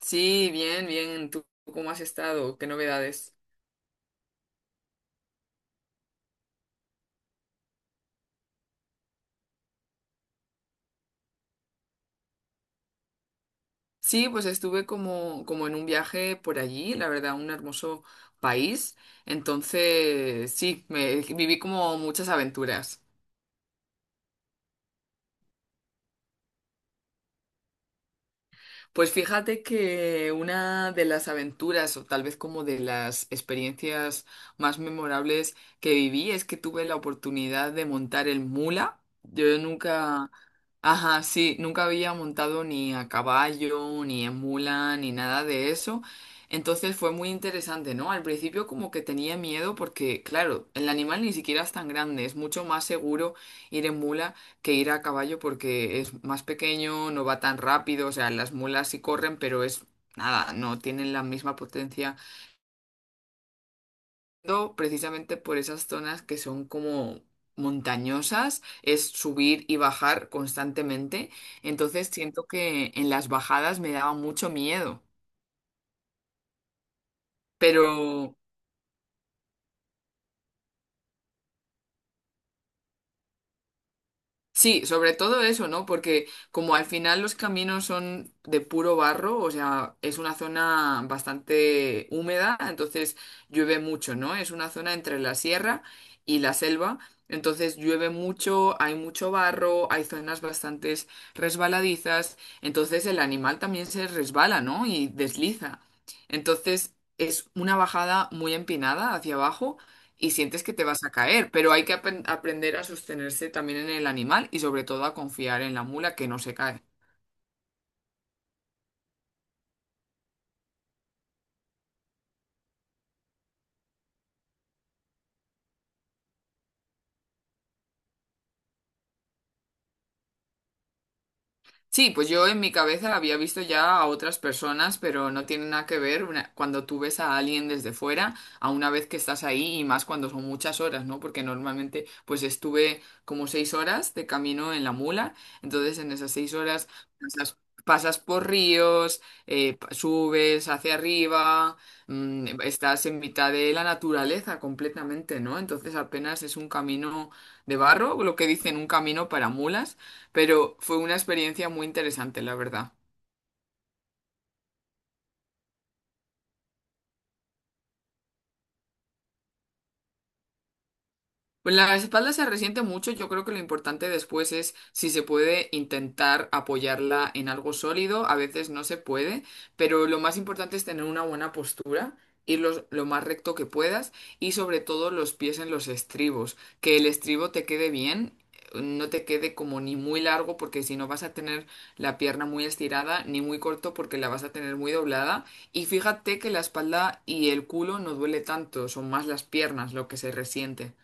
Sí, bien, bien. ¿Tú cómo has estado? ¿Qué novedades? Sí, pues estuve como en un viaje por allí, la verdad, un hermoso país. Entonces, sí, me viví como muchas aventuras. Pues fíjate que una de las aventuras o tal vez como de las experiencias más memorables que viví es que tuve la oportunidad de montar el mula. Yo nunca, ajá, sí, nunca había montado ni a caballo, ni en mula, ni nada de eso. Entonces fue muy interesante, ¿no? Al principio como que tenía miedo porque, claro, el animal ni siquiera es tan grande, es mucho más seguro ir en mula que ir a caballo porque es más pequeño, no va tan rápido, o sea, las mulas sí corren, pero es nada, no tienen la misma potencia. No, precisamente por esas zonas que son como montañosas, es subir y bajar constantemente, entonces siento que en las bajadas me daba mucho miedo, pero... Sí, sobre todo eso, ¿no? Porque como al final los caminos son de puro barro, o sea, es una zona bastante húmeda, entonces llueve mucho, ¿no? Es una zona entre la sierra y la selva, entonces llueve mucho, hay mucho barro, hay zonas bastante resbaladizas, entonces el animal también se resbala, ¿no? Y desliza. Entonces es una bajada muy empinada hacia abajo y sientes que te vas a caer, pero hay que aprender a sostenerse también en el animal y sobre todo a confiar en la mula que no se cae. Sí, pues yo en mi cabeza había visto ya a otras personas, pero no tiene nada que ver cuando tú ves a alguien desde fuera, a una vez que estás ahí y más cuando son muchas horas, ¿no? Porque normalmente pues estuve como 6 horas de camino en la mula, entonces en esas 6 horas pasas, pasas por ríos, subes hacia arriba, estás en mitad de la naturaleza completamente, ¿no? Entonces apenas es un camino de barro, lo que dicen un camino para mulas pero fue una experiencia muy interesante, la verdad. Pues la espalda se resiente mucho, yo creo que lo importante después es si se puede intentar apoyarla en algo sólido, a veces no se puede, pero lo más importante es tener una buena postura, ir lo más recto que puedas y sobre todo los pies en los estribos, que el estribo te quede bien, no te quede como ni muy largo porque si no vas a tener la pierna muy estirada, ni muy corto porque la vas a tener muy doblada y fíjate que la espalda y el culo no duele tanto, son más las piernas lo que se resiente.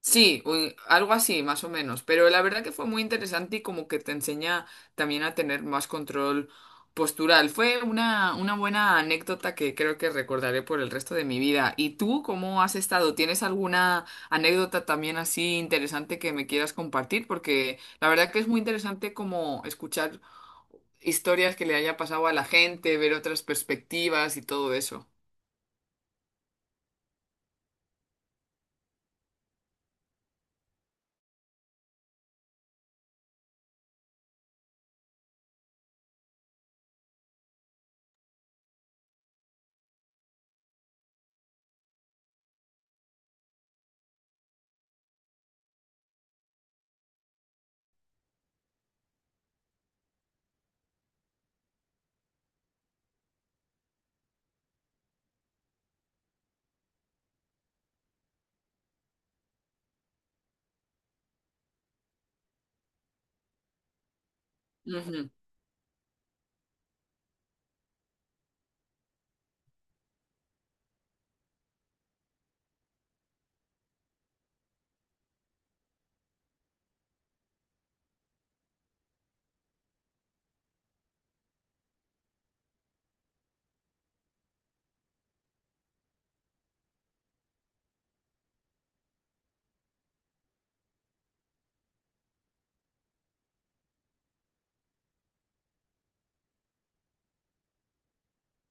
Sí, algo así, más o menos. Pero la verdad que fue muy interesante y como que te enseña también a tener más control postural. Fue una buena anécdota que creo que recordaré por el resto de mi vida. ¿Y tú cómo has estado? ¿Tienes alguna anécdota también así interesante que me quieras compartir? Porque la verdad que es muy interesante como escuchar historias que le haya pasado a la gente, ver otras perspectivas y todo eso.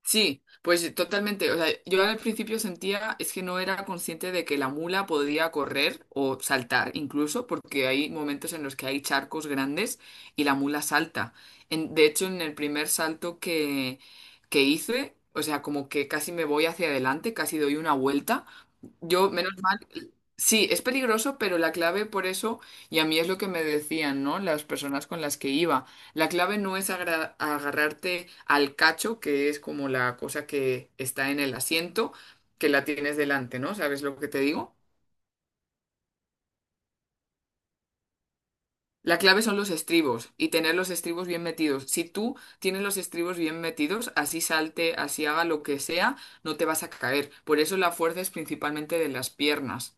Sí, pues totalmente. O sea, yo al principio sentía es que no era consciente de que la mula podía correr o saltar incluso, porque hay momentos en los que hay charcos grandes y la mula salta. En- de hecho, en el primer salto que hice, o sea, como que casi me voy hacia adelante, casi doy una vuelta. Yo, menos mal. Sí, es peligroso, pero la clave por eso, y a mí es lo que me decían, ¿no? Las personas con las que iba, la clave no es agarrarte al cacho, que es como la cosa que está en el asiento, que la tienes delante, ¿no? ¿Sabes lo que te digo? La clave son los estribos y tener los estribos bien metidos. Si tú tienes los estribos bien metidos, así salte, así haga lo que sea, no te vas a caer. Por eso la fuerza es principalmente de las piernas.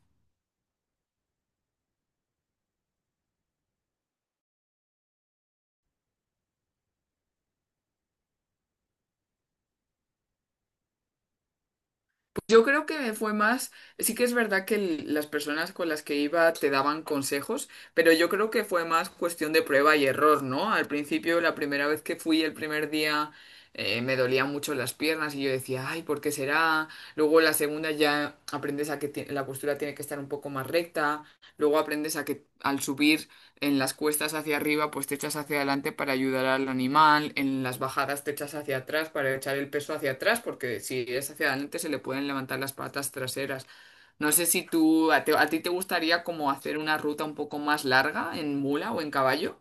Yo creo que me fue más, sí que es verdad que las personas con las que iba te daban consejos, pero yo creo que fue más cuestión de prueba y error, ¿no? Al principio, la primera vez que fui el primer día, me dolían mucho las piernas y yo decía, ay, ¿por qué será? Luego la segunda ya aprendes a que la postura tiene que estar un poco más recta, luego aprendes a que al subir en las cuestas hacia arriba, pues te echas hacia adelante para ayudar al animal. En las bajadas te echas hacia atrás para echar el peso hacia atrás, porque si es hacia adelante se le pueden levantar las patas traseras. No sé si a ti te gustaría como hacer una ruta un poco más larga en mula o en caballo.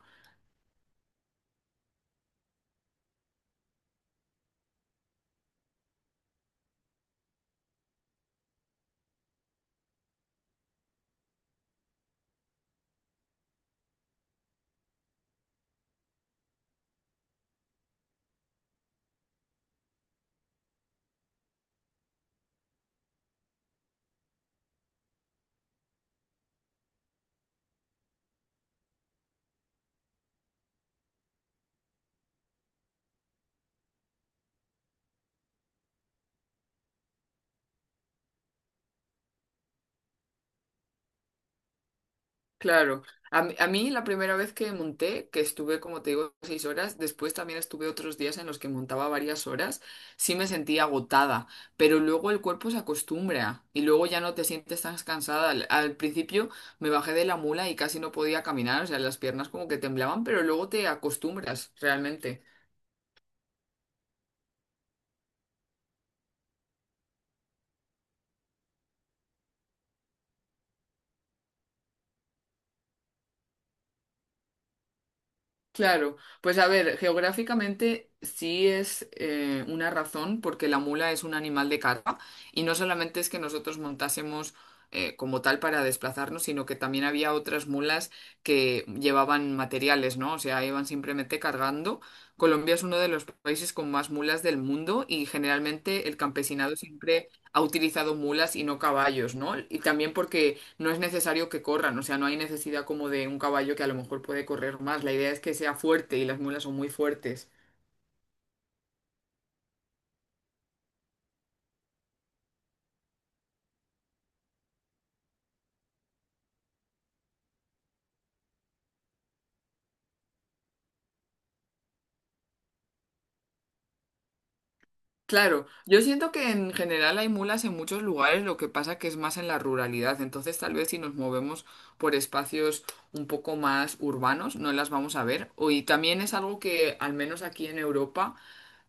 Claro, a mí la primera vez que monté, que estuve, como te digo, 6 horas, después también estuve otros días en los que montaba varias horas, sí me sentía agotada, pero luego el cuerpo se acostumbra y luego ya no te sientes tan cansada. Al principio me bajé de la mula y casi no podía caminar, o sea, las piernas como que temblaban, pero luego te acostumbras realmente. Claro, pues a ver, geográficamente sí es una razón porque la mula es un animal de carga y no solamente es que nosotros montásemos como tal para desplazarnos, sino que también había otras mulas que llevaban materiales, ¿no? O sea, iban simplemente cargando. Colombia es uno de los países con más mulas del mundo y generalmente el campesinado siempre ha utilizado mulas y no caballos, ¿no? Y también porque no es necesario que corran, o sea, no hay necesidad como de un caballo que a lo mejor puede correr más. La idea es que sea fuerte y las mulas son muy fuertes. Claro, yo siento que en general hay mulas en muchos lugares, lo que pasa que es más en la ruralidad. Entonces, tal vez si nos movemos por espacios un poco más urbanos, no las vamos a ver. O- Y también es algo que, al menos aquí en Europa,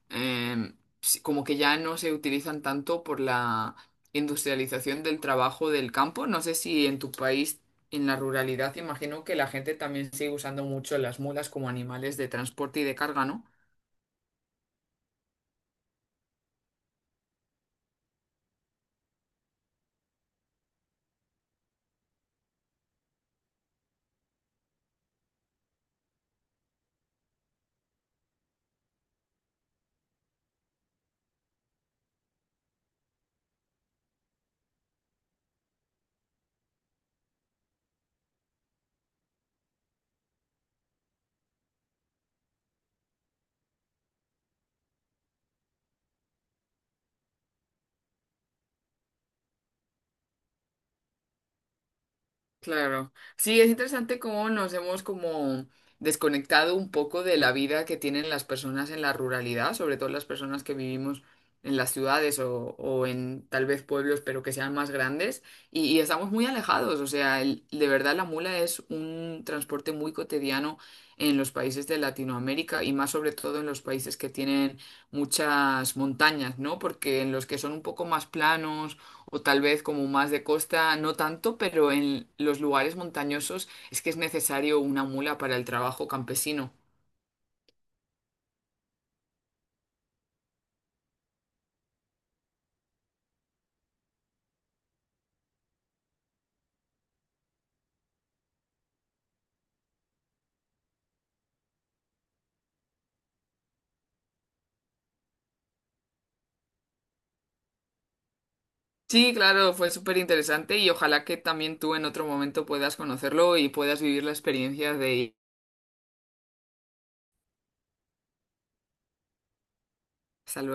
eh, sí, como que ya no se utilizan tanto por la industrialización del trabajo del campo. No sé si en tu país, en la ruralidad, imagino que la gente también sigue usando mucho las mulas como animales de transporte y de carga, ¿no? Claro, sí, es interesante cómo nos hemos como desconectado un poco de la vida que tienen las personas en la ruralidad, sobre todo las personas que vivimos en las ciudades o en tal vez pueblos, pero que sean más grandes, y estamos muy alejados, o sea, el- de verdad la mula es un transporte muy cotidiano en los países de Latinoamérica y más sobre todo en los países que tienen muchas montañas, ¿no? Porque en los que son un poco más planos o tal vez como más de costa, no tanto, pero en los lugares montañosos es que es necesario una mula para el trabajo campesino. Sí, claro, fue súper interesante y ojalá que también tú en otro momento puedas conocerlo y puedas vivir la experiencia de ir. Hasta luego.